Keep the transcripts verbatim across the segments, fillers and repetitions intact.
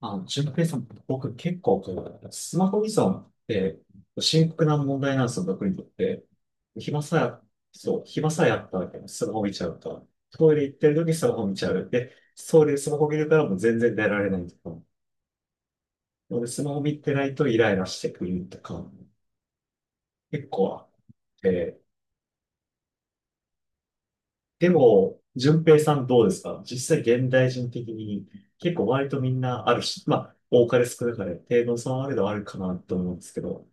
あの、純平さん、僕結構こう、スマホ依存って深刻な問題なんですよ、僕にとって。暇さえ、そう、暇さえあったわらスマホ見ちゃうと。トイレ行ってる時にスマホ見ちゃう。で、それでスマホ見るからもう全然出られないとか。なので、スマホ見てないとイライラしてくるとか、結構あって。でも、順平さんどうですか？実際現代人的に結構割とみんなあるし、まあ、多かれ少なかれ、程度の差はあれどあるかなと思うんですけど。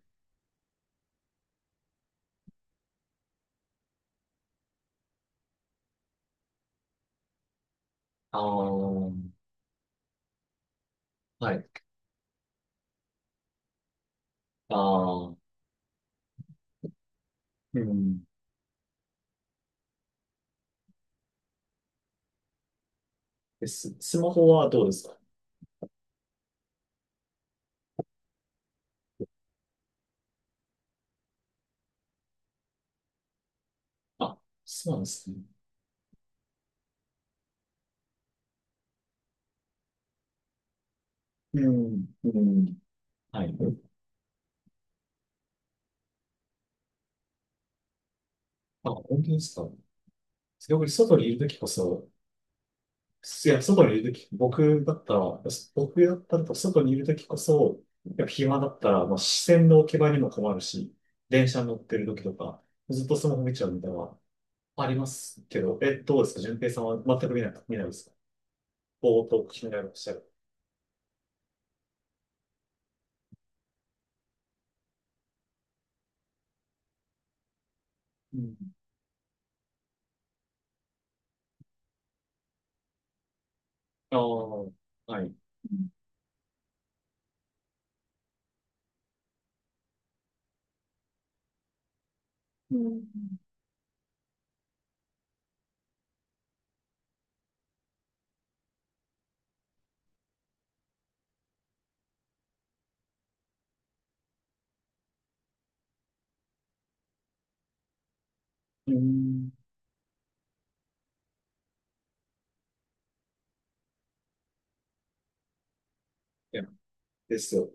ああ。はい。ああ、うん。え、ス、スマホはどうですか？あ、そうなんですね。うん、うん。はい。あ、本当ですか？僕、外にいるときこそ、いや、外にいるとき、僕だったら、僕だったらと外にいるときこそ、やっぱ暇だったら、まあ、視線の置き場にも困るし、電車に乗ってるときとか、ずっとスマホ見ちゃうみたいなのはありますけど、え、どうですか？順平さんは全く見ない、見ないですか？ぼーっと気になりましたる。うん。ああ、はい。うん。いや、ですよ。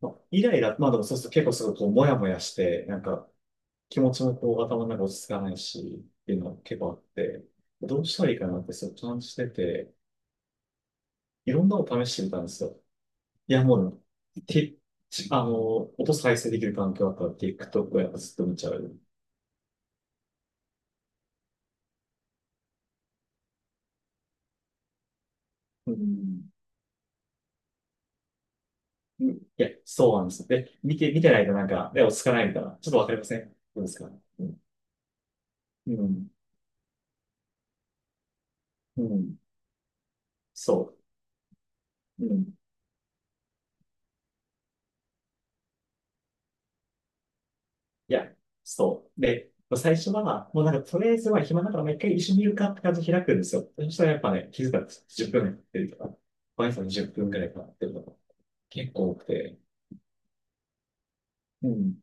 まあイライラ、まあでもそうすると結構すごいこう、もやもやして、なんか、気持ちもこう、頭の中落ち着かないし、っていうのが結構あって、どうしたらいいかなって、そう、感じてて、いろんなのを試してみたんですよ。いや、もう、て、あの、音再生できる環境だったら TikTok をやっぱずっと見ちゃう。うん。うん。いや、そうなんですよ。で、見て、見てないとなんか、で、落ち着かないみたいな。ちょっとわかりません？どうですか？うん。うん。うん。そう。うん。いや、そう。で、最初は、もうなんか、とりあえずは暇だから、もう一回一緒に見るかって感じで開くんですよ。そしたらやっぱね、気づいたんですよ。じゅっぷんやってるとか、毎朝じゅっぷんくらいかなってるとか、結構多くて。うん。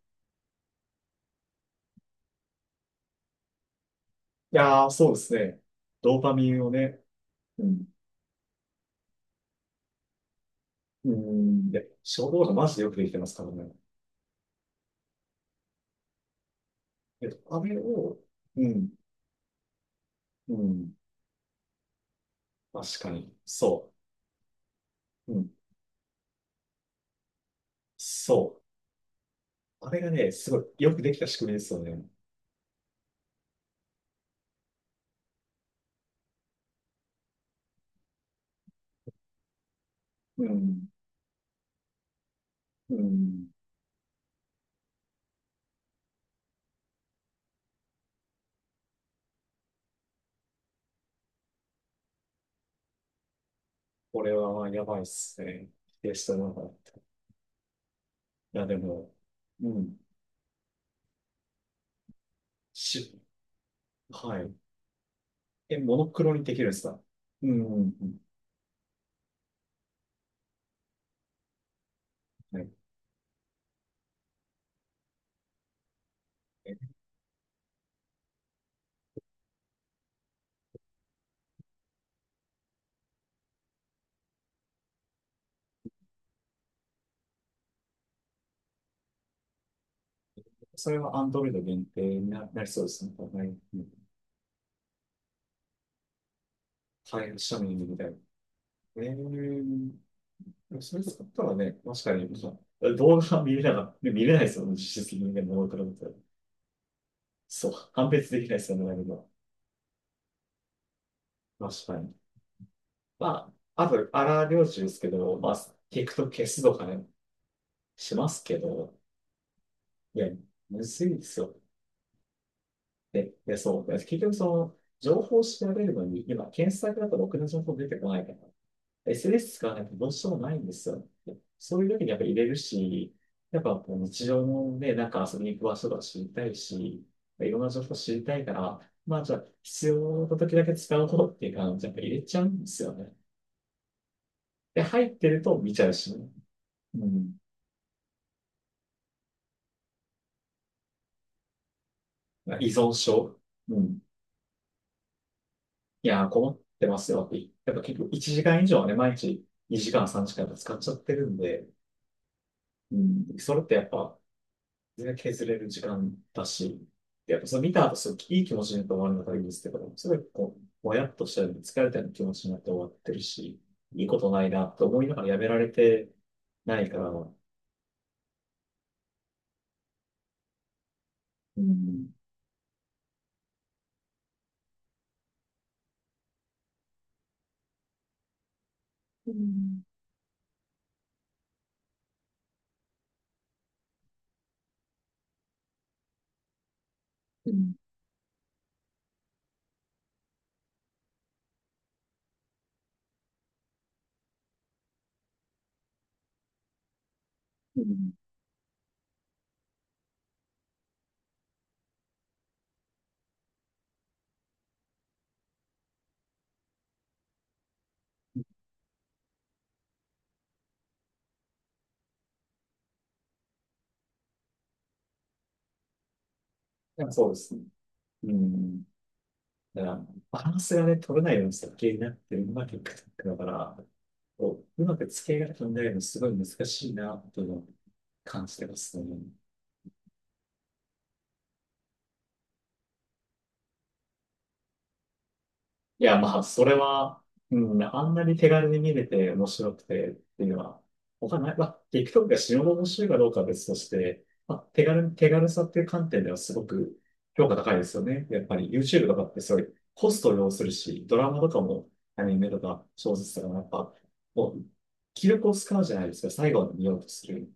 いやー、そうですね。ドーパミンをね、うん。うん。で、衝動がマジでよくできてますからね。えっと、あれを、うん。うん。確かに。そう。うん。そう。あれがね、すごいよくできた仕組みですよね。うん。うん。これはまあやばいっすね。否定したのがら。いや、でも、うん。し、はい。え、モノクロにできるんですか？うん、うん、うん。はい。え、それは Android 限定にな、なりそうですね。はい。うん。い、シャミングみたいな。えー、でもそれ使ったらね、確かに、まあ動画は見れなかった。見れないですよね、実質的にね、モノクロみたいな。そう、判別できないですよね、何も。確かに。まあ、あと、荒療治ですけど、まあ、TikTok 消すとかね、しますけど、いや、むずいですよ。で、で、そう。で結局その、情報を調べるのに、今、検索だとろくな情報出てこないから。エスエヌエス 使わないとどうしようもないんですよ。でそういう時にやっぱ入れるし、やっぱこう日常のね、なんか遊びに行く場所とか知りたいし、いろんな情報知りたいから、まあじゃあ必要な時だけ使おうっていう感じでやっぱ入れちゃうんですよね。で、入ってると見ちゃうしね。うん。依存症。うん。いやー、困ってますよって。やっぱ結構いちじかん以上はね、毎日にじかん、さんじかんと使っちゃってるんで、うん、それってやっぱ全然削れる時間だし、でやっぱそれ見た後、すごいいい気持ちになって終わるのがいいですけど、すごいこう、もやっとしたり、疲れたような気持ちになって終わってるし、いいことないなと思いながらやめられてないから、うん、うん、うん、うん。なんかそうですね。うん。だから、バランスがね、取れないように設計になってるのが結果だから、こう、うまく付け合いが考なるのすごい難しいな、というのを感じてますね。いや、まあ、それは、うん、あんなに手軽に見れて面白くてっていうのは、他ない。まあ、TikTok が死ぬほど面白いかどうかは別として、まあ、手軽、手軽さっていう観点ではすごく評価高いですよね。やっぱり YouTube とかってそういうコストを要するし、ドラマとかもアニメとか小説とかもやっぱ、もう、気力を使うじゃないですか。最後まで見ようとする。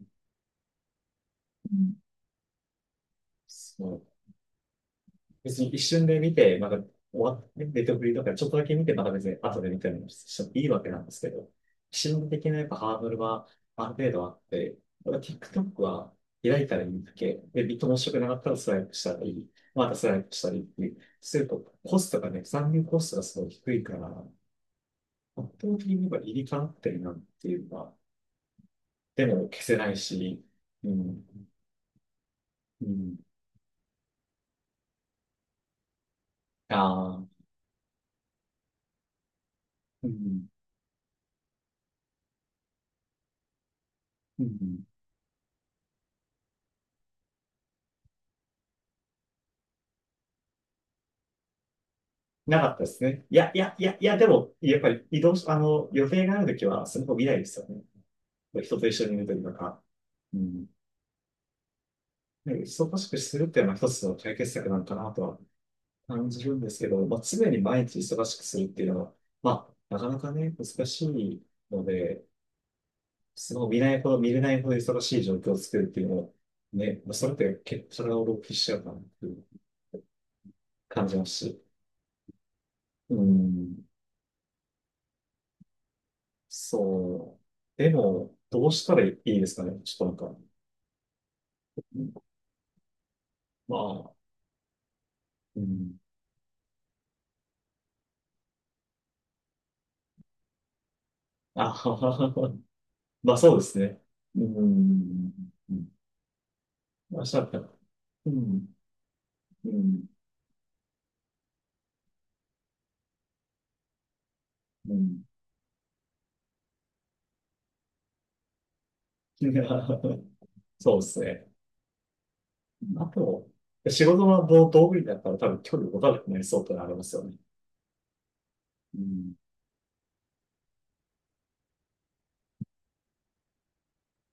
うん。別に一瞬で見て、まだ終わって、ネットフリとかちょっとだけ見て、また別に後で見たりもしてもいいわけなんですけど、心理的なやっぱハードルはある程度あって、ただ TikTok は開いたらいいだけ、で、ビット面白くなかったらスライプしたり、またスライプしたりっていうすると、コストがね、残留コストがすごい低いから、圧倒的にやっぱ理にかなってるなっていうのは、でも消せないし、うん、うん、ああ、うん、うん。なかったですね。いや、いや、いや、いや、でも、やっぱり移動し、あの、予定があるときは、スマホ見ないですよね。人と一緒にいるときとか。うん。ね忙しくするっていうのは一つの解決策なのかなとは感じるんですけど、まあ、常に毎日忙しくするっていうのは、まあ、なかなかね、難しいので、スマホ見ないほど、見れないほど忙しい状況を作るっていうのを、ね、まあ、それって結構体を浪費しちゃうかなっていう感じますし。うん。そう。でも、どうしたらいいですかね。ちょっとなんか、まあ、うん。あははは。まあそうですね。うん。うん。まあ、したらうん。うん。うん。いやそうですね。あと、仕事の道道具になったら多分距離を持たなくなりそうってのはありますよね。うん。